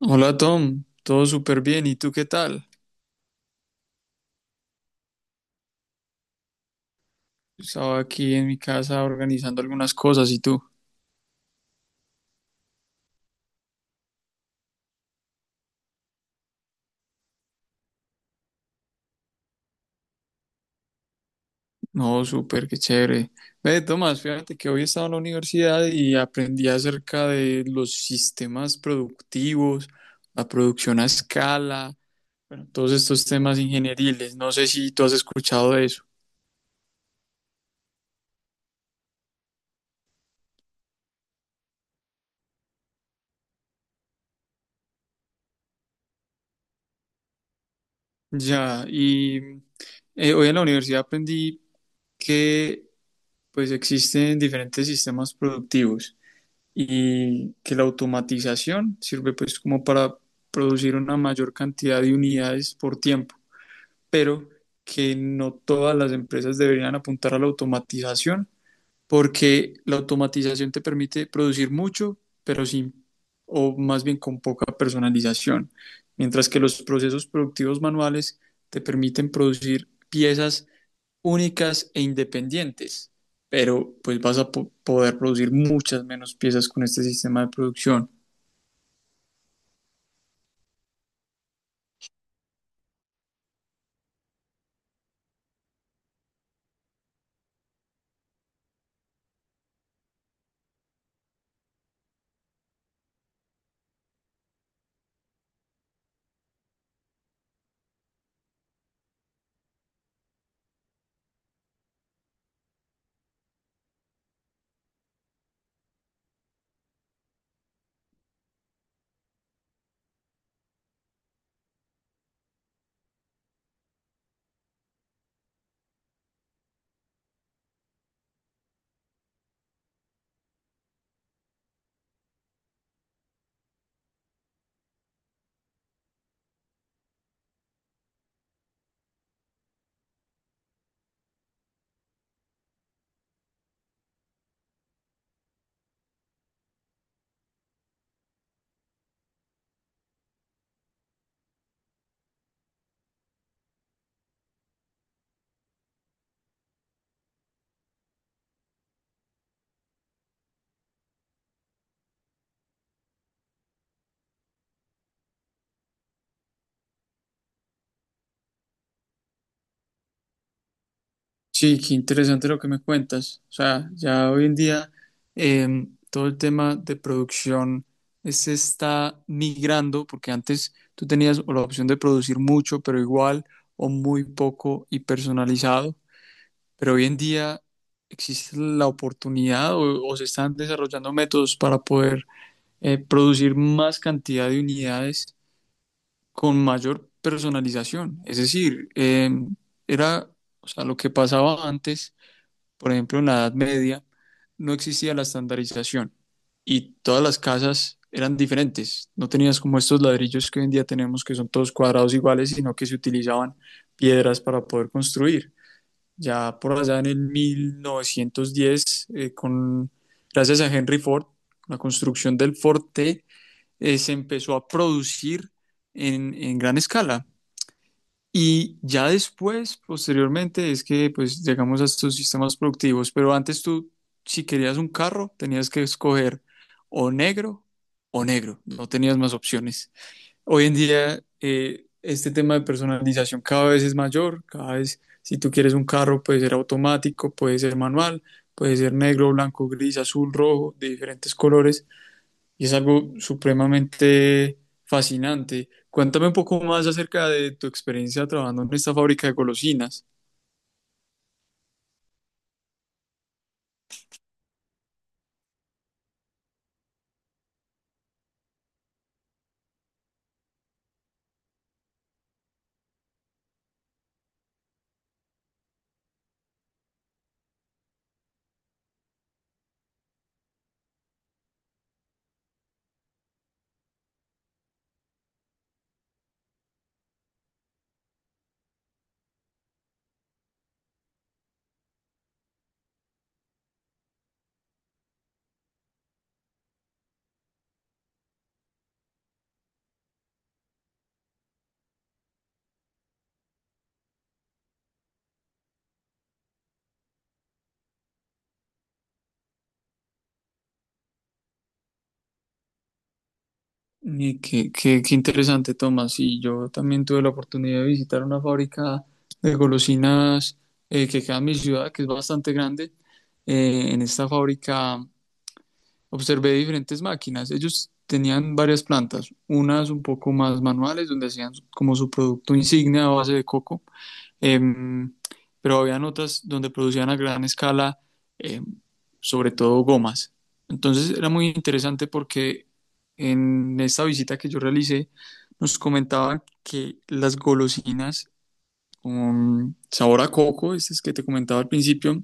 Hola Tom, todo súper bien. ¿Y tú qué tal? Estaba aquí en mi casa organizando algunas cosas, ¿y tú? No, súper, qué chévere. Ve, Tomás, fíjate que hoy estaba en la universidad y aprendí acerca de los sistemas productivos, la producción a escala, bueno, todos estos temas ingenieriles. No sé si tú has escuchado de eso. Ya, y hoy en la universidad aprendí que pues existen diferentes sistemas productivos, y que la automatización sirve pues como para producir una mayor cantidad de unidades por tiempo, pero que no todas las empresas deberían apuntar a la automatización porque la automatización te permite producir mucho, pero sin, o más bien con poca personalización, mientras que los procesos productivos manuales te permiten producir piezas únicas e independientes, pero pues vas a poder producir muchas menos piezas con este sistema de producción. Sí, qué interesante lo que me cuentas. O sea, ya hoy en día todo el tema de producción, se está migrando porque antes tú tenías o la opción de producir mucho pero igual, o muy poco y personalizado, pero hoy en día existe la oportunidad o se están desarrollando métodos para poder producir más cantidad de unidades con mayor personalización. Es decir, era, o sea, lo que pasaba antes, por ejemplo, en la Edad Media, no existía la estandarización y todas las casas eran diferentes. No tenías como estos ladrillos que hoy en día tenemos, que son todos cuadrados iguales, sino que se utilizaban piedras para poder construir. Ya por allá en el 1910, con, gracias a Henry Ford, la construcción del Forte, se empezó a producir en gran escala. Y ya después, posteriormente, es que pues llegamos a estos sistemas productivos, pero antes tú, si querías un carro, tenías que escoger o negro o negro, no tenías más opciones. Hoy en día, este tema de personalización cada vez es mayor, cada vez si tú quieres un carro puede ser automático, puede ser manual, puede ser negro, blanco, gris, azul, rojo, de diferentes colores. Y es algo supremamente fascinante. Cuéntame un poco más acerca de tu experiencia trabajando en esta fábrica de golosinas. Y qué, qué interesante, Tomás. Y yo también tuve la oportunidad de visitar una fábrica de golosinas que queda en mi ciudad, que es bastante grande. En esta fábrica observé diferentes máquinas. Ellos tenían varias plantas, unas un poco más manuales, donde hacían como su producto insignia a base de coco, em, pero habían otras donde producían a gran escala, em, sobre todo gomas. Entonces era muy interesante porque en esta visita que yo realicé, nos comentaban que las golosinas con sabor a coco, estas que te comentaba al principio,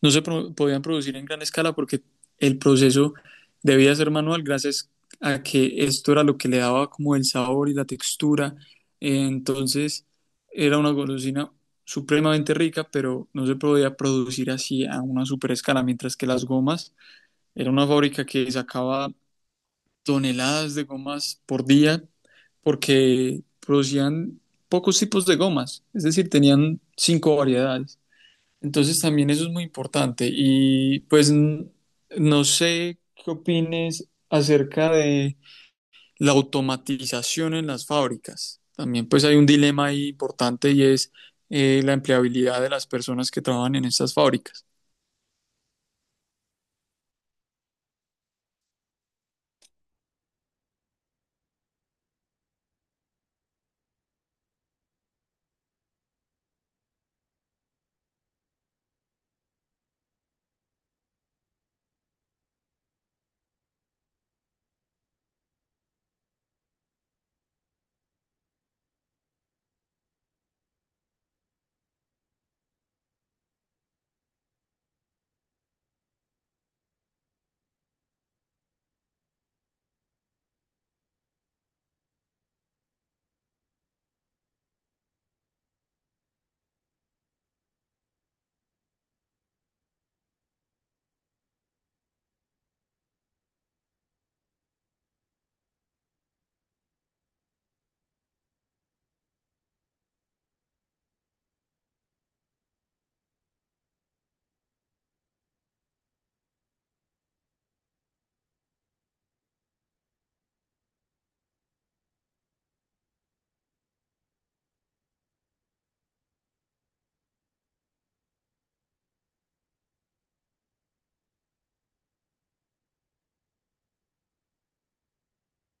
no se podían producir en gran escala porque el proceso debía ser manual gracias a que esto era lo que le daba como el sabor y la textura. Entonces era una golosina supremamente rica, pero no se podía producir así a una super escala, mientras que las gomas era una fábrica que sacaba toneladas de gomas por día porque producían pocos tipos de gomas, es decir, tenían cinco variedades. Entonces también eso es muy importante. Y pues no sé qué opines acerca de la automatización en las fábricas. También pues hay un dilema ahí importante, y es la empleabilidad de las personas que trabajan en estas fábricas.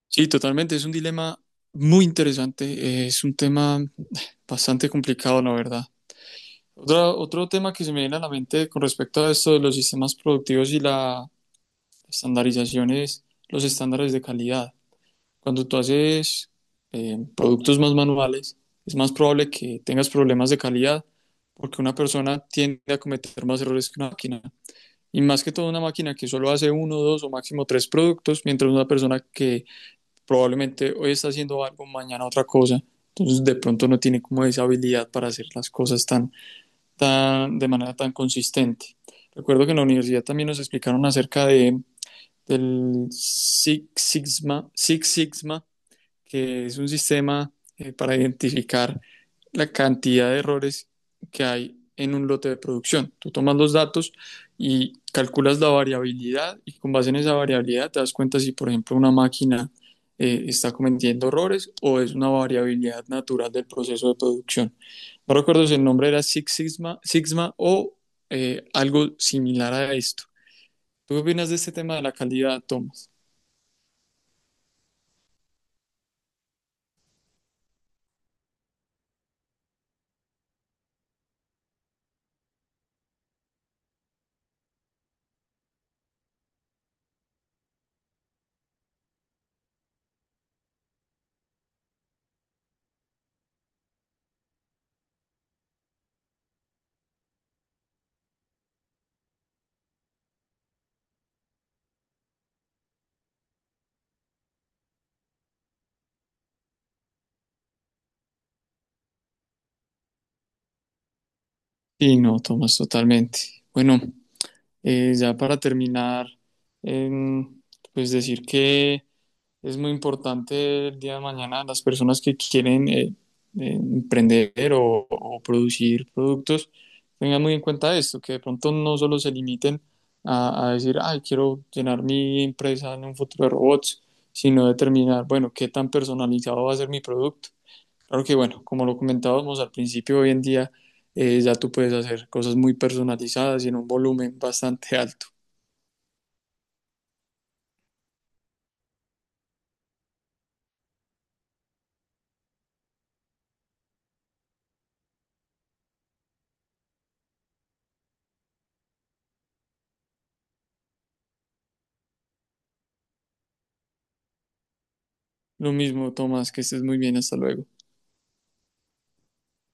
Sí, totalmente, es un dilema muy interesante, es un tema bastante complicado, la verdad. Otro tema que se me viene a la mente con respecto a esto de los sistemas productivos y la estandarización es los estándares de calidad. Cuando tú haces productos más manuales, es más probable que tengas problemas de calidad porque una persona tiende a cometer más errores que una máquina. Y más que todo una máquina que solo hace uno, dos o máximo tres productos, mientras una persona que probablemente hoy está haciendo algo, mañana otra cosa. Entonces de pronto no tiene como esa habilidad para hacer las cosas tan, tan, de manera tan consistente. Recuerdo que en la universidad también nos explicaron acerca de, del Six Sigma, Six Sigma, que es un sistema para identificar la cantidad de errores que hay en un lote de producción. Tú tomas los datos y calculas la variabilidad, y con base en esa variabilidad te das cuenta si, por ejemplo, una máquina está cometiendo errores, o es una variabilidad natural del proceso de producción. No recuerdo si el nombre era Six Sigma, Sigma o algo similar a esto. ¿Tú qué opinas de este tema de la calidad, Tomás? Sí, no, Tomás, totalmente. Bueno, ya para terminar, em, pues decir que es muy importante el día de mañana las personas que quieren emprender o producir productos, tengan muy en cuenta esto, que de pronto no solo se limiten a decir, ay, quiero llenar mi empresa en un futuro de robots, sino determinar, bueno, qué tan personalizado va a ser mi producto. Claro que, bueno, como lo comentábamos al principio, hoy en día ya tú puedes hacer cosas muy personalizadas y en un volumen bastante alto. Lo mismo, Tomás, que estés muy bien, hasta luego.